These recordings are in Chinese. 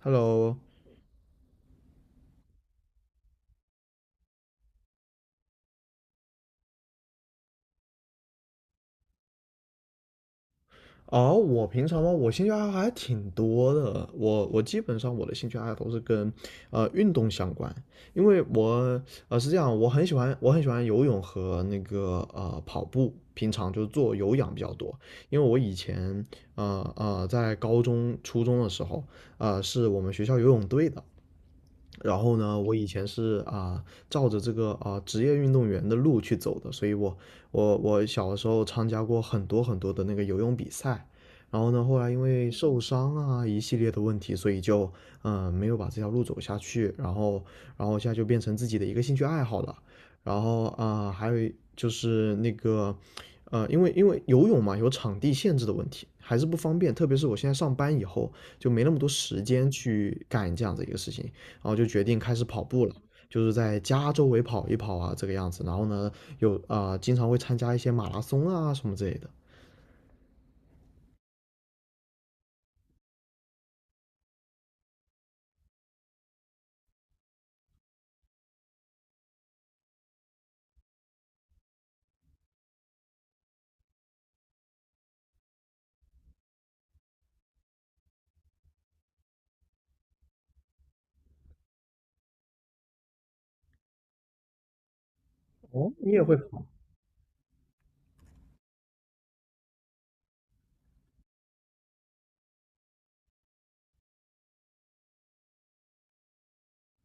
Hello，哦，我平常话，我兴趣爱好还挺多的。我基本上我的兴趣爱好都是跟运动相关，因为我是这样，我很喜欢游泳和那个跑步，平常就是做有氧比较多。因为我以前在高中初中的时候，是我们学校游泳队的。然后呢，我以前是照着这个职业运动员的路去走的，所以我小的时候参加过很多的那个游泳比赛。然后呢，后来因为受伤啊一系列的问题，所以就没有把这条路走下去，然后现在就变成自己的一个兴趣爱好了。然后还有就是那个因为游泳嘛有场地限制的问题，还是不方便，特别是我现在上班以后就没那么多时间去干这样的一个事情。然后就决定开始跑步了，就是在家周围跑一跑啊，这个样子。然后呢，有经常会参加一些马拉松啊什么之类的。哦，你也会跑？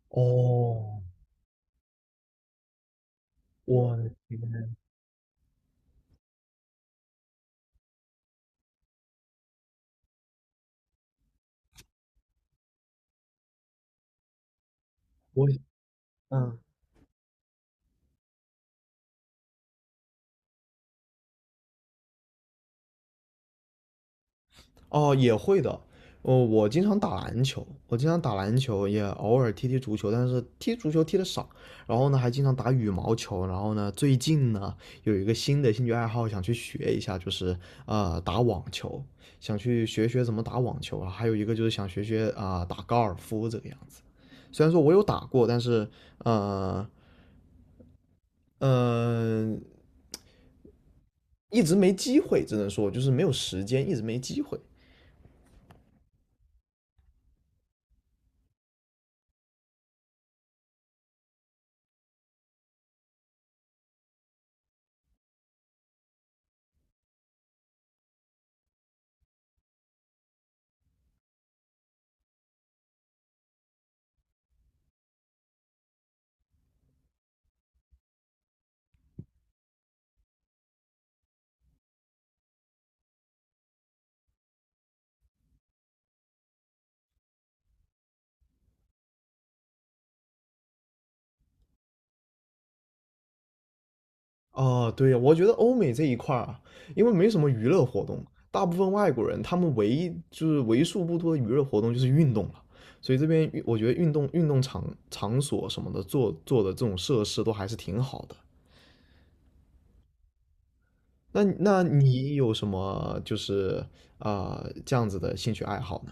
哦，我的天，我，嗯，哦，也会的。哦，我经常打篮球，我经常打篮球，也偶尔踢踢足球，但是踢足球踢的少。然后呢，还经常打羽毛球。然后呢，最近呢有一个新的兴趣爱好，想去学一下，就是打网球，想去学学怎么打网球啊。还有一个就是想学学打高尔夫这个样子。虽然说我有打过，但是呃呃一直没机会，只能说就是没有时间，一直没机会。哦，对呀，我觉得欧美这一块儿啊，因为没什么娱乐活动，大部分外国人他们唯一就是为数不多的娱乐活动就是运动了，所以这边我觉得运动场所什么的做的这种设施都还是挺好的。那那你有什么就是这样子的兴趣爱好呢？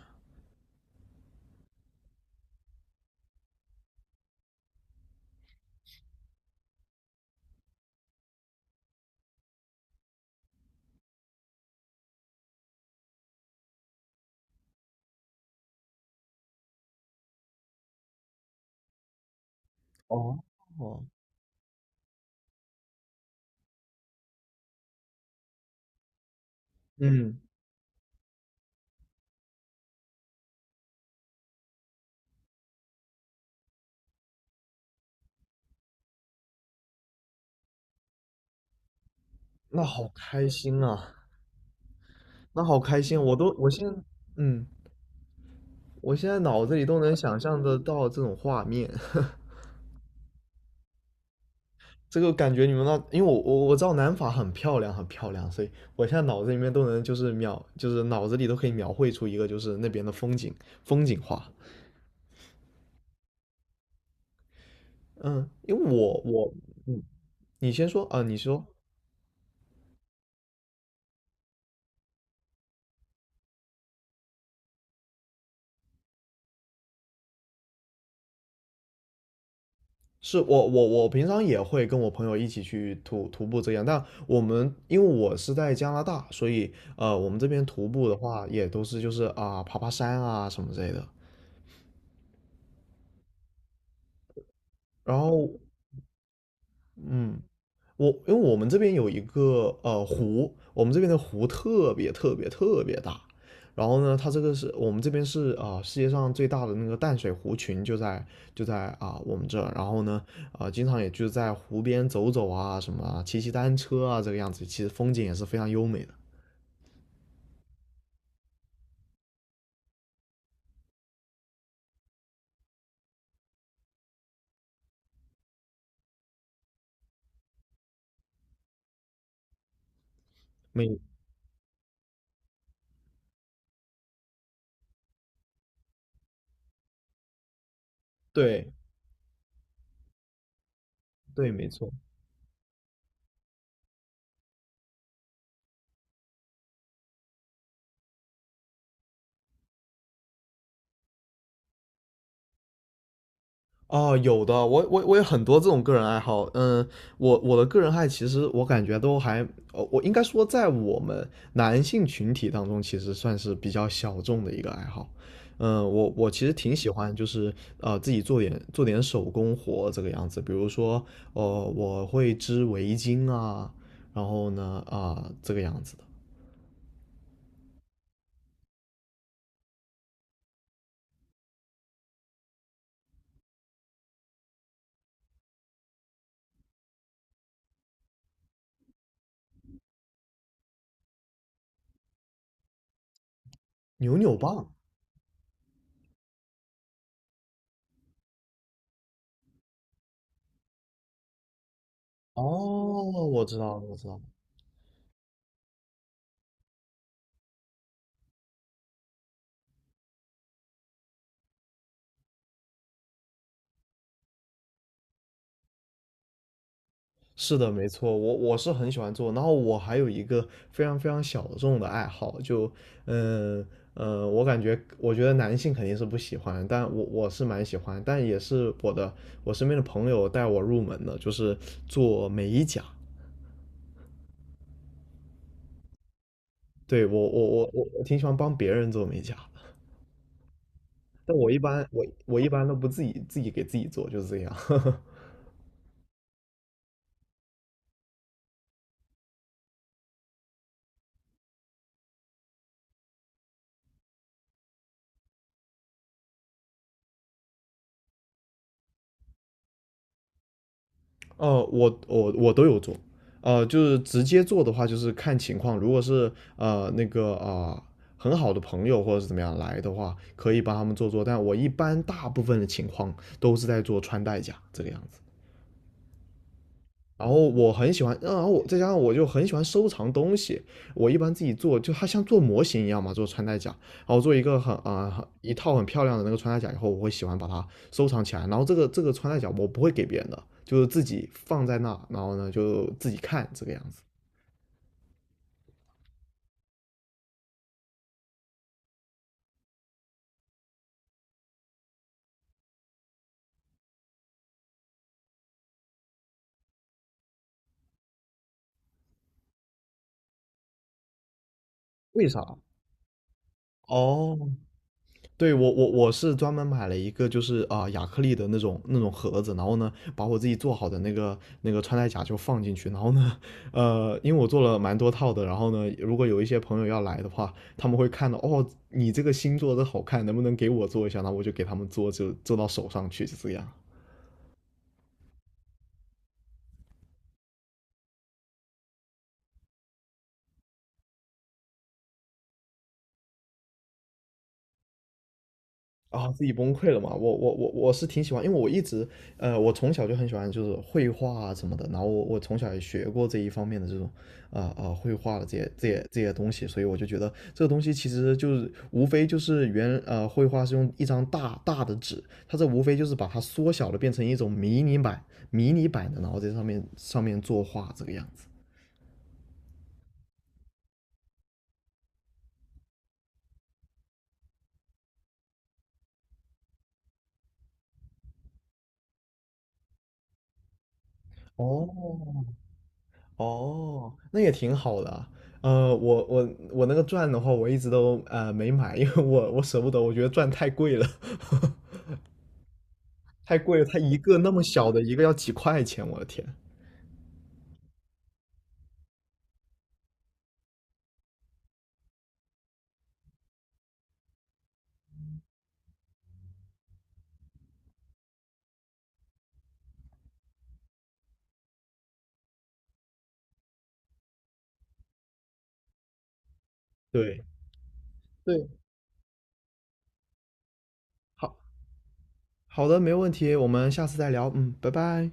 哦哦，嗯，那好开心啊，那好开心，我都我现在嗯，我现在脑子里都能想象得到这种画面。这个感觉你们那，因为我知道南法很漂亮，所以我现在脑子里面都能就是描，就是脑子里都可以描绘出一个就是那边的风景画。嗯，因为我我嗯，你先说啊，你说是我平常也会跟我朋友一起去徒步这样，但我们因为我是在加拿大，所以我们这边徒步的话也都是就是啊爬山啊什么之类的。然后嗯，我因为我们这边有一个湖，我们这边的湖特别大。然后呢，它这个是我们这边是世界上最大的那个淡水湖群就在就在我们这儿。然后呢，经常也就在湖边走走啊，什么啊骑骑单车啊，这个样子，其实风景也是非常优美的。美，对对，没错。哦，有的，我有很多这种个人爱好。嗯，我我的个人爱其实我感觉都还，哦，我应该说在我们男性群体当中，其实算是比较小众的一个爱好。嗯，我我其实挺喜欢，就是自己做点手工活这个样子。比如说，呃，我会织围巾啊，然后呢，这个样子的牛扭棒。哦，我知道了，我知道了。是的，没错，我我是很喜欢做。然后我还有一个非常非常小众的爱好，嗯我感觉，我觉得男性肯定是不喜欢，但我我是蛮喜欢，但也是我身边的朋友带我入门的，就是做美甲。对，我挺喜欢帮别人做美甲的。但我一般都不自己给自己做，就是这样。呃，我都有做。呃，就是直接做的话，就是看情况。如果是呃那个啊、呃很好的朋友或者是怎么样来的话，可以帮他们做做。但我一般大部分的情况都是在做穿戴甲这个样子。然后我很喜欢，然后我再加上我就很喜欢收藏东西。我一般自己做，就它像做模型一样嘛，做穿戴甲。然后做一个很一套很漂亮的那个穿戴甲以后，我会喜欢把它收藏起来，然后这个穿戴甲我不会给别人的，就是自己放在那，然后呢就自己看这个样子。为啥？哦，对我是专门买了一个就是亚克力的那种盒子，然后呢把我自己做好的那个穿戴甲就放进去，然后呢因为我做了蛮多套的，然后呢如果有一些朋友要来的话，他们会看到哦你这个新做的好看，能不能给我做一下？那我就给他们做，就做到手上去，就这样。啊，自己崩溃了嘛？我是挺喜欢，因为我一直，呃，我从小就很喜欢就是绘画啊什么的，然后我我从小也学过这一方面的这种，绘画的这些东西，所以我就觉得这个东西其实就是无非就是绘画是用一张大大的纸，它这无非就是把它缩小了变成一种迷你版的，然后在上面作画这个样子。哦，哦，那也挺好的啊。呃，我我我那个钻的话，我一直都没买，因为我我舍不得，我觉得钻太贵了，太贵了。它一个那么小的一个要几块钱，我的天。对对，好好的，没问题，我们下次再聊。嗯，拜拜。